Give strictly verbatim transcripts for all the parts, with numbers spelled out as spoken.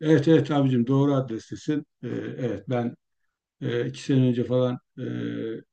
Evet evet abicim doğru adrestesin. Ee, evet ben e, iki sene önce falan e,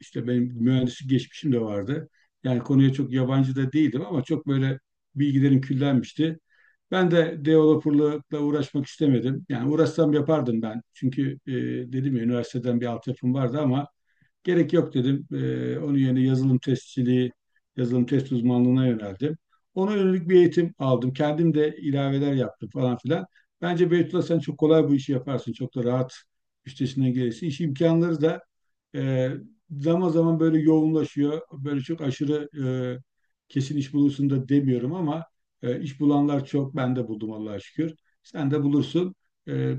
işte benim mühendislik geçmişim de vardı. Yani konuya çok yabancı da değildim ama çok böyle bilgilerim küllenmişti. Ben de developerlıkla uğraşmak istemedim. Yani uğraşsam yapardım ben. Çünkü e, dedim ya üniversiteden bir altyapım vardı ama gerek yok dedim. Ee, onun yerine yazılım testçiliği, yazılım test uzmanlığına yöneldim. Ona yönelik bir eğitim aldım. Kendim de ilaveler yaptım falan filan. Bence Beytullah sen çok kolay bu işi yaparsın. Çok da rahat üstesinden gelirsin. İş imkanları da e, zaman zaman böyle yoğunlaşıyor. Böyle çok aşırı e, kesin iş bulursun da demiyorum ama e, iş bulanlar çok. Ben de buldum Allah'a şükür. Sen de bulursun. E,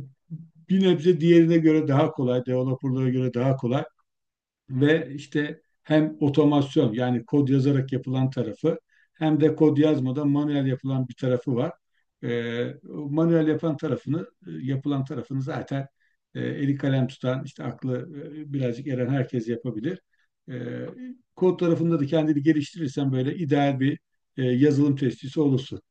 Bir nebze diğerine göre daha kolay, developerlara göre daha kolay ve işte hem otomasyon yani kod yazarak yapılan tarafı hem de kod yazmadan manuel yapılan bir tarafı var. Ee, o manuel yapan tarafını yapılan tarafını zaten e, eli kalem tutan işte aklı e, birazcık eren herkes yapabilir. Ee, Kod tarafında da kendini geliştirirsen böyle ideal bir e, yazılım testisi olursun.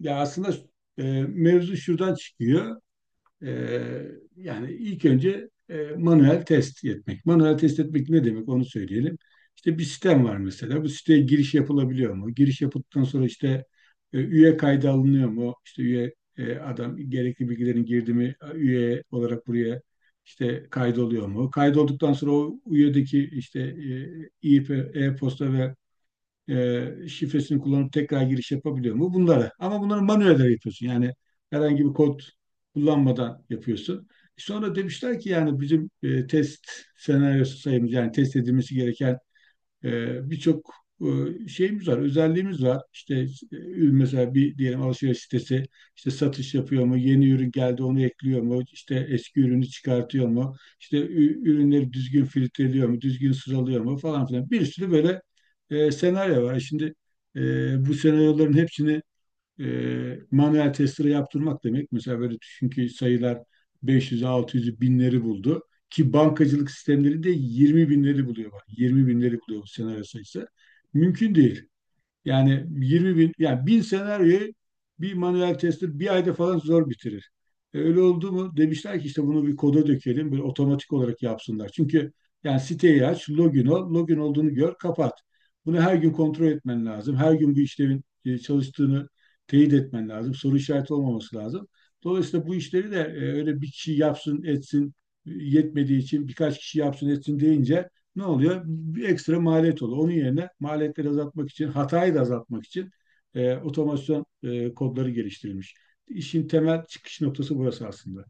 Ya aslında e, mevzu şuradan çıkıyor. Ee, Yani ilk önce e, manuel test etmek. Manuel test etmek ne demek onu söyleyelim. İşte bir sistem var mesela. Bu siteye giriş yapılabiliyor mu? Giriş yapıldıktan sonra işte e, üye kaydı alınıyor mu? İşte üye e, adam gerekli bilgilerin girdi mi? Üye olarak buraya işte kaydoluyor mu? Kaydolduktan sonra o üyedeki işte e, e-posta ve e, şifresini kullanıp tekrar giriş yapabiliyor mu? Bunları. Ama bunları manuel olarak yapıyorsun. Yani herhangi bir kod kullanmadan yapıyorsun. Sonra demişler ki yani bizim e, test senaryosu sayımız yani test edilmesi gereken e, birçok e, şeyimiz var, özelliğimiz var. İşte e, mesela bir diyelim alışveriş sitesi işte satış yapıyor mu, yeni ürün geldi onu ekliyor mu, işte eski ürünü çıkartıyor mu, işte ü- ürünleri düzgün filtreliyor mu, düzgün sıralıyor mu falan filan. Bir sürü böyle e, senaryo var. Şimdi e, bu senaryoların hepsini e, manuel testere yaptırmak demek. Mesela böyle düşün ki sayılar beş yüzü, altı yüzü, binleri buldu. Ki bankacılık sistemleri de yirmi binleri buluyor. Bak, yirmi binleri buluyor bu senaryo sayısı. Mümkün değil. Yani yirmi bin, yani bin senaryoyu bir manuel tester bir ayda falan zor bitirir. E, öyle oldu mu? Demişler ki işte bunu bir koda dökelim, böyle otomatik olarak yapsınlar. Çünkü yani siteyi aç, login ol, login olduğunu gör, kapat. Bunu her gün kontrol etmen lazım. Her gün bu işlemin e, çalıştığını teyit etmen lazım. Soru işareti olmaması lazım. Dolayısıyla bu işleri de e, öyle bir kişi yapsın, etsin e, yetmediği için birkaç kişi yapsın, etsin deyince ne oluyor? Bir ekstra maliyet oluyor. Onun yerine maliyetleri azaltmak için, hatayı da azaltmak için e, otomasyon e, kodları geliştirilmiş. İşin temel çıkış noktası burası aslında.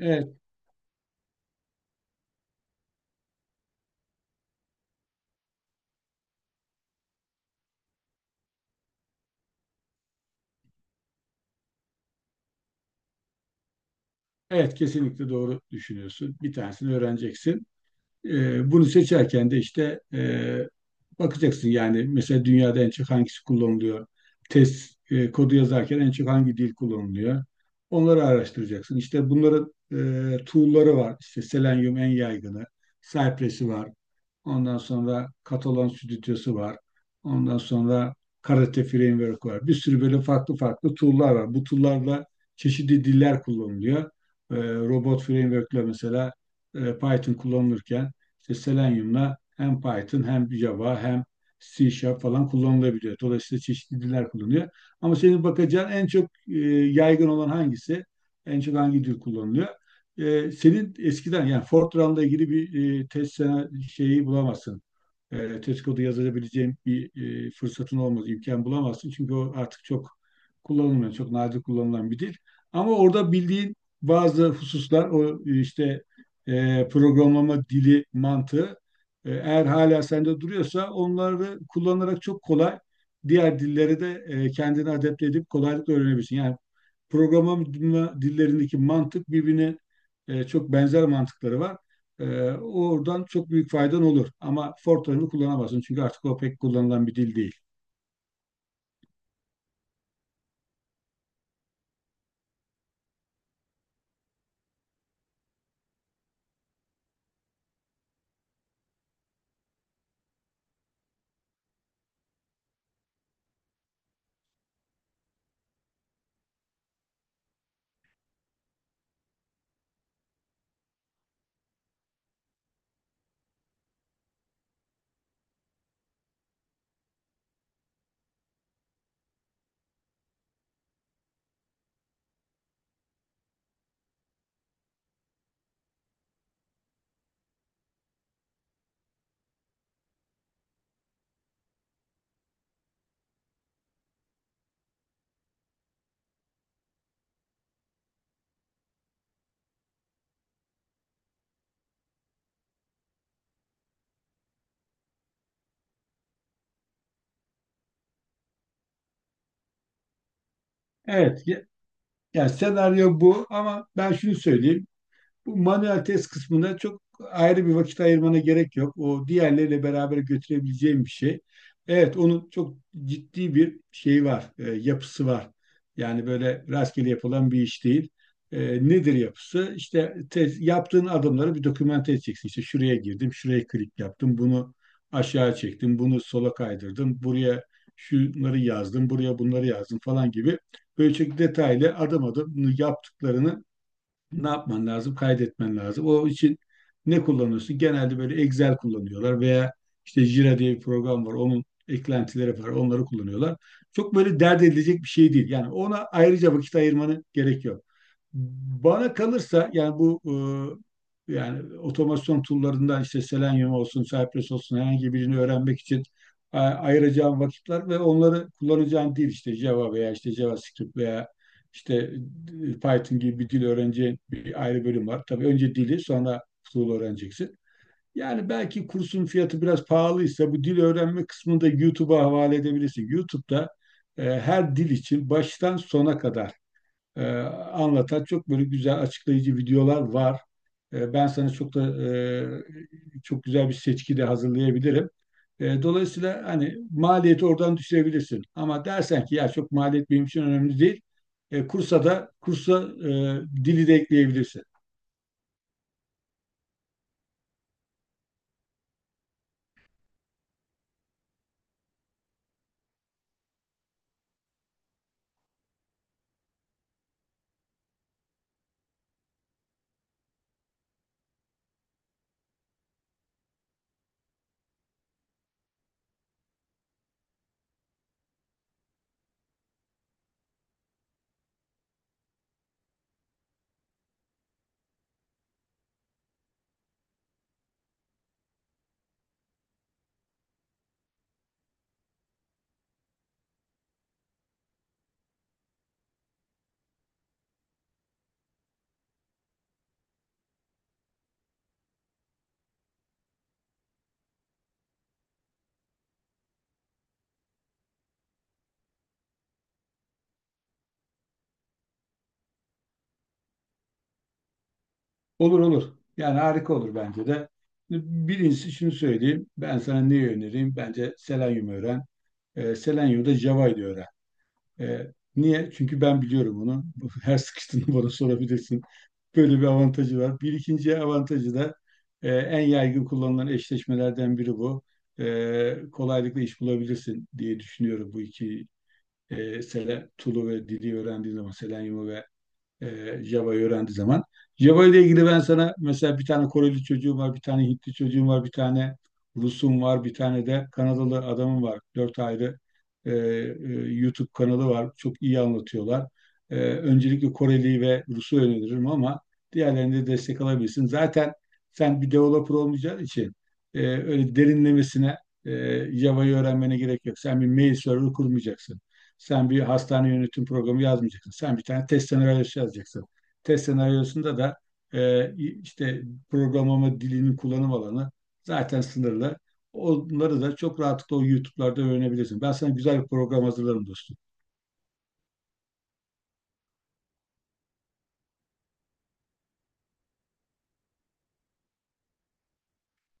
Evet, evet kesinlikle doğru düşünüyorsun. Bir tanesini öğreneceksin. E, bunu seçerken de işte e, bakacaksın yani mesela dünyada en çok hangisi kullanılıyor? Test e, kodu yazarken en çok hangi dil kullanılıyor? Onları araştıracaksın. İşte bunların e, tool'ları var. İşte Selenium en yaygını, Cypress'i var. Ondan sonra Catalan Stüdyosu var. Ondan sonra Karate Framework var. Bir sürü böyle farklı farklı tool'lar var. Bu tool'larla çeşitli diller kullanılıyor. E, Robot framework'le mesela e, Python kullanılırken işte Selenium'la hem Python hem Java hem C Sharp falan kullanılabiliyor. Dolayısıyla çeşitli diller kullanılıyor. Ama senin bakacağın en çok e, yaygın olan hangisi? En çok hangi dil kullanılıyor? E, senin eskiden yani Fortran'la ilgili bir e, test sana şeyi bulamazsın. E, test kodu yazabileceğim bir e, fırsatın olmaz, imkan bulamazsın. Çünkü o artık çok kullanılmıyor, çok nadir kullanılan bir dil. Ama orada bildiğin bazı hususlar o işte e, programlama dili mantığı e, eğer hala sende duruyorsa onları kullanarak çok kolay diğer dillere de e, kendini adapte edip kolaylıkla öğrenebilirsin. Yani programlama dillerindeki mantık birbirine e, çok benzer mantıkları var. E, oradan çok büyük faydan olur. Ama Fortran'ı kullanamazsın çünkü artık o pek kullanılan bir dil değil. Evet, ya, yani senaryo bu ama ben şunu söyleyeyim. Bu manuel test kısmına çok ayrı bir vakit ayırmana gerek yok. O diğerleriyle beraber götürebileceğim bir şey. Evet, onun çok ciddi bir şeyi var, e, yapısı var. Yani böyle rastgele yapılan bir iş değil. E, nedir yapısı? İşte tez, yaptığın adımları bir dokümante edeceksin. İşte şuraya girdim, şuraya klik yaptım, bunu aşağı çektim, bunu sola kaydırdım, buraya şunları yazdım, buraya bunları yazdım falan gibi. Böyle çok detaylı adım adım yaptıklarını ne yapman lazım? Kaydetmen lazım. O için ne kullanıyorsun? Genelde böyle Excel kullanıyorlar veya işte Jira diye bir program var. Onun eklentileri var. Onları kullanıyorlar. Çok böyle dert edilecek bir şey değil. Yani ona ayrıca vakit ayırmanı gerekiyor. Bana kalırsa yani bu e, yani otomasyon tool'larından işte Selenium olsun, Cypress olsun herhangi birini öğrenmek için e, ayıracağım vakitler ve onları kullanacağım değil işte Java veya işte JavaScript veya işte e, Python gibi bir dil öğreneceğin bir ayrı bölüm var. Tabii önce dili sonra tool öğreneceksin. Yani belki kursun fiyatı biraz pahalıysa bu dil öğrenme kısmını da YouTube'a havale edebilirsin. YouTube'da e, her dil için baştan sona kadar e, anlatan çok böyle güzel açıklayıcı videolar var. E, ben sana çok da e, çok güzel bir seçki de hazırlayabilirim. E, dolayısıyla hani maliyeti oradan düşürebilirsin. Ama dersen ki ya çok maliyet benim için önemli değil. E, kursa da kursa e, dili de ekleyebilirsin. Olur olur. Yani harika olur bence de. Birincisi şunu söyleyeyim. Ben sana neyi önereyim? Bence Selenium öğren. E, Selenium'da Java'yı da öğren. E, Niye? Çünkü ben biliyorum onu. Her sıkıştığında bana sorabilirsin. Böyle bir avantajı var. Bir ikinci avantajı da e, en yaygın kullanılan eşleşmelerden biri bu. E, kolaylıkla iş bulabilirsin diye düşünüyorum bu iki e, sele, Tulu ve Dili öğrendiğin zaman, Selenium'u ve e, Java'yı öğrendiği zaman. Java ile ilgili ben sana mesela bir tane Koreli çocuğum var, bir tane Hintli çocuğum var, bir tane Rus'um var, bir tane de Kanadalı adamım var. Dört ayrı e, e, YouTube kanalı var. Çok iyi anlatıyorlar. E, öncelikle Koreli ve Rus'u öneririm ama diğerlerini de destek alabilirsin. Zaten sen bir developer olmayacağın için e, öyle derinlemesine e, Java'yı öğrenmene gerek yok. Sen bir mail server kurmayacaksın. Sen bir hastane yönetim programı yazmayacaksın. Sen bir tane test senaryosu yazacaksın. Test senaryosunda da e, işte programlama dilinin kullanım alanı zaten sınırlı. Onları da çok rahatlıkla o YouTube'larda öğrenebilirsin. Ben sana güzel bir program hazırlarım dostum.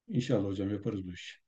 İnşallah hocam yaparız bu işi.